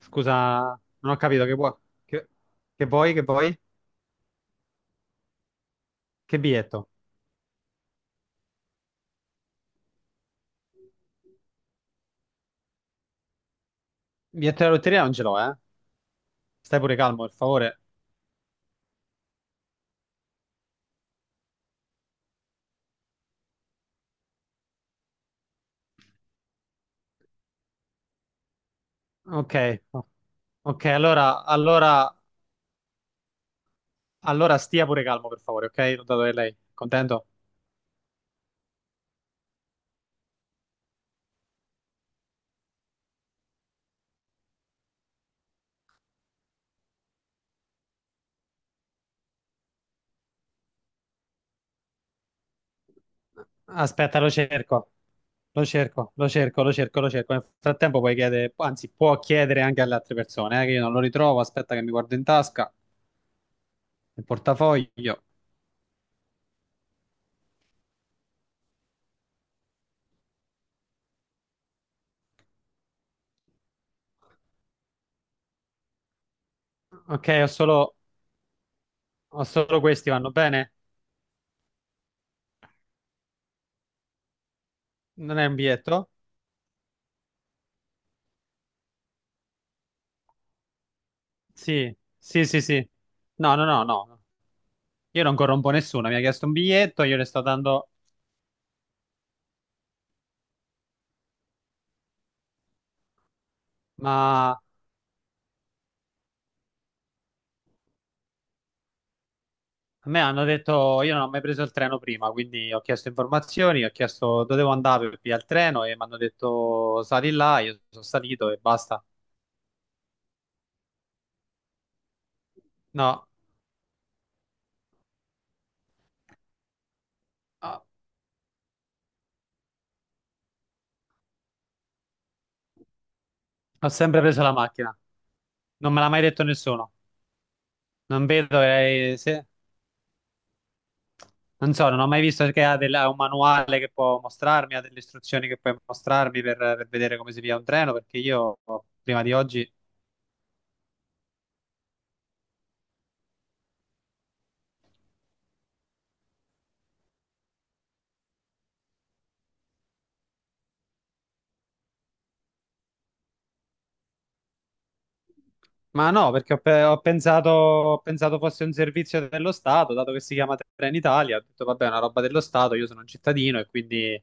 Scusa, non ho capito che vuoi. Che, che vuoi? Che vuoi? Che biglietto? Biglietto della lotteria non ce l'ho, eh? Stai pure calmo, per favore. Ok, ok, allora, allora, allora stia pure calmo, per favore, ok? L'ho dato a lei. Contento? Aspetta, lo cerco. Lo cerco, lo cerco, lo cerco, lo cerco. Nel frattempo puoi chiedere, anzi, può chiedere anche alle altre persone, che io non lo ritrovo. Aspetta che mi guardo in tasca, nel portafoglio. Ok, ho solo questi, vanno bene? Non è un biglietto? Sì, sì, sì, sì. No, no, no, no. Io non corrompo nessuno. Mi ha chiesto un biglietto, io le sto dando. Ma a me hanno detto, io non ho mai preso il treno prima, quindi ho chiesto informazioni, ho chiesto dove devo andare per via il treno e mi hanno detto sali là, io sono salito e basta. No, ho sempre preso la macchina. Non me l'ha mai detto nessuno. Non vedo se- Non so, non ho mai visto ha un manuale che può mostrarmi, ha delle istruzioni che puoi mostrarmi per vedere come si via un treno, perché io prima di oggi. Ma no, perché ho pensato fosse un servizio dello Stato, dato che si chiama Trenitalia, ho detto vabbè, è una roba dello Stato, io sono un cittadino e quindi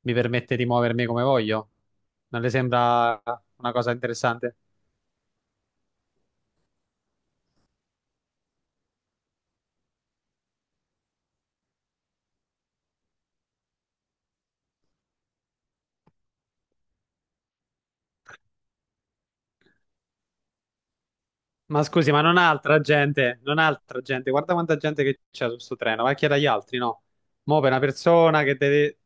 mi permette di muovermi come voglio. Non le sembra una cosa interessante? Ma scusi, ma non ha altra gente, non ha altra gente, guarda quanta gente che c'è su sto treno, vai a chiedere agli altri, no? Mo' per una persona che deve.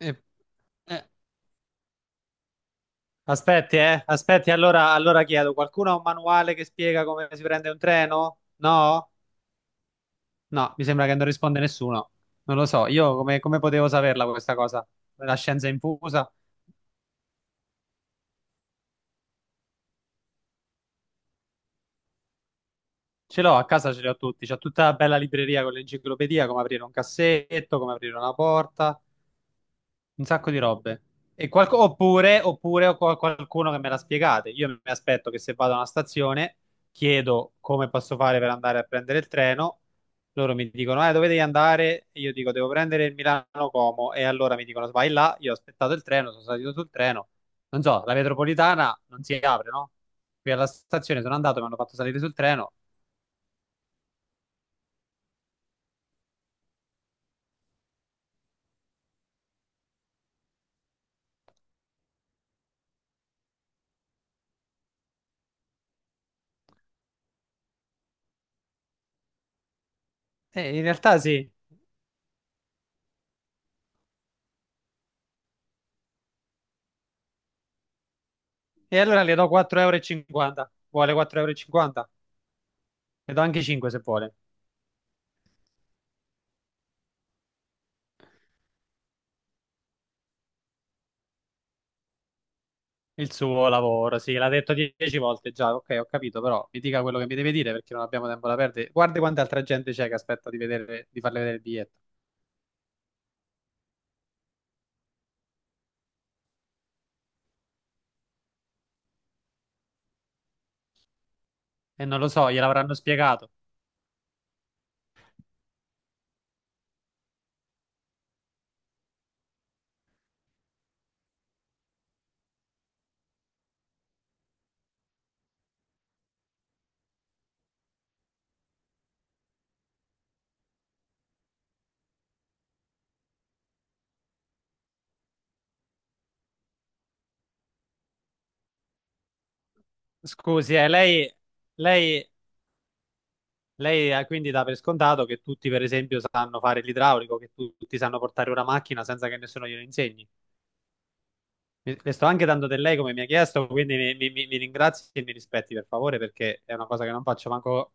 Eh, eh, aspetti, allora chiedo, qualcuno ha un manuale che spiega come si prende un treno? No? No, mi sembra che non risponde nessuno. Non lo so, io come, come potevo saperla questa cosa? La scienza infusa? Ce l'ho, a casa ce li ho tutti, c'ho tutta la bella libreria con l'enciclopedia, come aprire un cassetto, come aprire una porta, un sacco di robe. Oppure ho qualcuno che me la spiegate. Io mi aspetto che se vado a una stazione, chiedo come posso fare per andare a prendere il treno. Loro mi dicono, dove devi andare? E io dico, devo prendere il Milano-Como. E allora mi dicono, vai là. Io ho aspettato il treno, sono salito sul treno. Non so, la metropolitana non si apre, no? Qui alla stazione sono andato, mi hanno fatto salire sul treno. E in realtà sì. E allora le do 4,50 euro. Vuole 4,50 euro? Le do anche 5 se vuole. Il suo lavoro, sì, l'ha detto 10 volte già, ok, ho capito, però mi dica quello che mi deve dire perché non abbiamo tempo da perdere. Guarda quanta altra gente c'è che aspetta di vedere, di farle vedere il biglietto. E non lo so, gliel'avranno spiegato. Scusi, lei, lei quindi dà per scontato che tutti, per esempio, sanno fare l'idraulico, che tutti sanno portare una macchina senza che nessuno glielo insegni. Le sto anche dando del lei come mi ha chiesto, quindi mi ringrazi e mi rispetti, per favore, perché è una cosa che non faccio manco.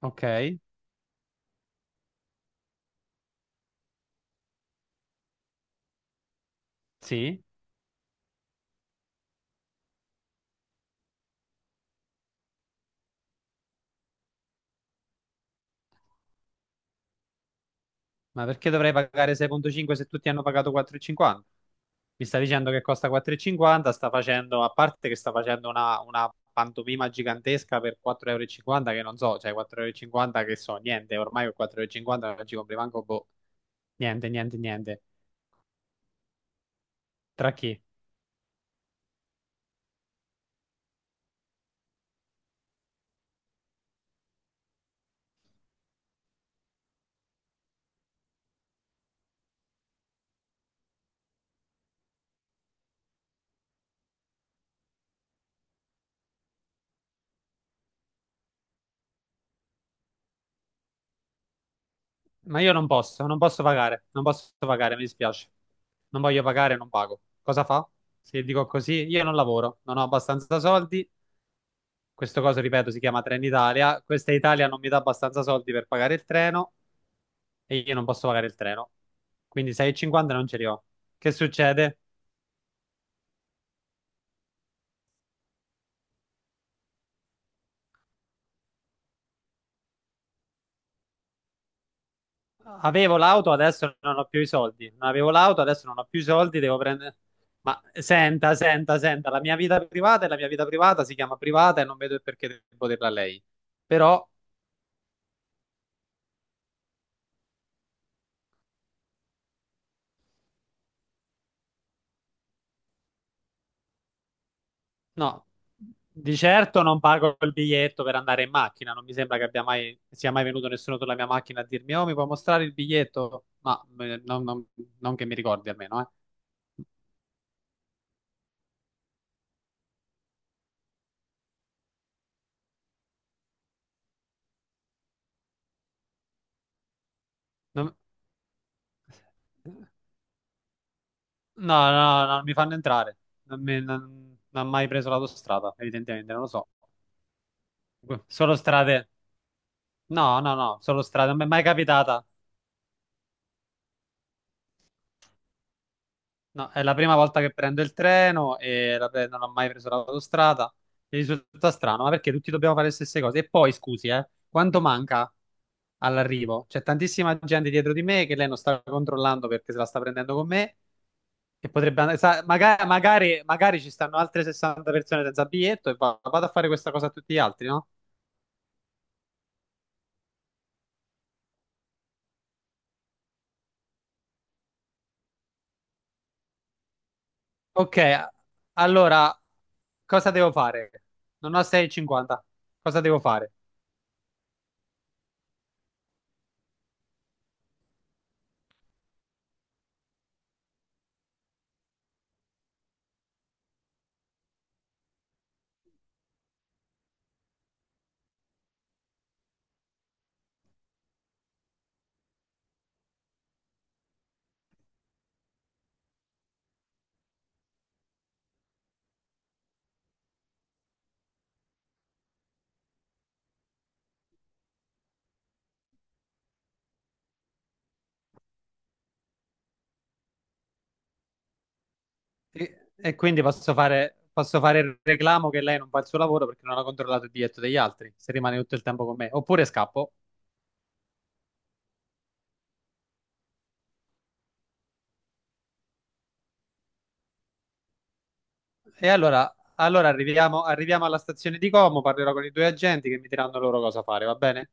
Ok, sì. Ma perché dovrei pagare 6,5 se tutti hanno pagato 4,50? Mi sta dicendo che costa 4,50, sta facendo, a parte che sta facendo una pantomima gigantesca per 4,50 euro, che non so, cioè 4,50 € che so, niente, ormai con 4,50 € non ci compri manco, boh, niente, niente, niente. Tra chi? Ma io non posso pagare, mi dispiace. Non voglio pagare, non pago. Cosa fa? Se dico così, io non lavoro, non ho abbastanza soldi. Questo coso, ripeto, si chiama Trenitalia. Questa Italia non mi dà abbastanza soldi per pagare il treno e io non posso pagare il treno. Quindi 6,50 non ce li ho. Che succede? Avevo l'auto, adesso non ho più i soldi. Non avevo l'auto, adesso non ho più i soldi, devo prendere. Ma senta, senta, senta, la mia vita privata è la mia vita privata, si chiama privata e non vedo il perché devo dirla a lei. Però. No, di certo non pago il biglietto per andare in macchina, non mi sembra che abbia mai, sia mai venuto nessuno sulla mia macchina a dirmi, oh, mi puoi mostrare il biglietto? Non che mi ricordi almeno, eh. Non- No, no, no, non mi fanno entrare, non, mi- non- non ho mai preso l'autostrada, evidentemente, non lo so. Solo strade, no, no, no, solo strade, non mi è mai capitata. No, è la prima volta che prendo il treno e non ho mai preso l'autostrada. Mi risulta strano, ma perché tutti dobbiamo fare le stesse cose? E poi, scusi, quanto manca all'arrivo? C'è tantissima gente dietro di me che lei non sta controllando perché se la sta prendendo con me e potrebbe andare. Magari ci stanno altre 60 persone senza biglietto e vado a fare questa cosa a tutti gli altri, no? Ok, allora, cosa devo fare? Non ho 6,50. Cosa devo fare? E quindi posso fare il reclamo che lei non fa il suo lavoro perché non ha controllato il biglietto degli altri, se rimane tutto il tempo con me. Oppure scappo. E allora arriviamo alla stazione di Como, parlerò con i due agenti che mi diranno loro cosa fare, va bene?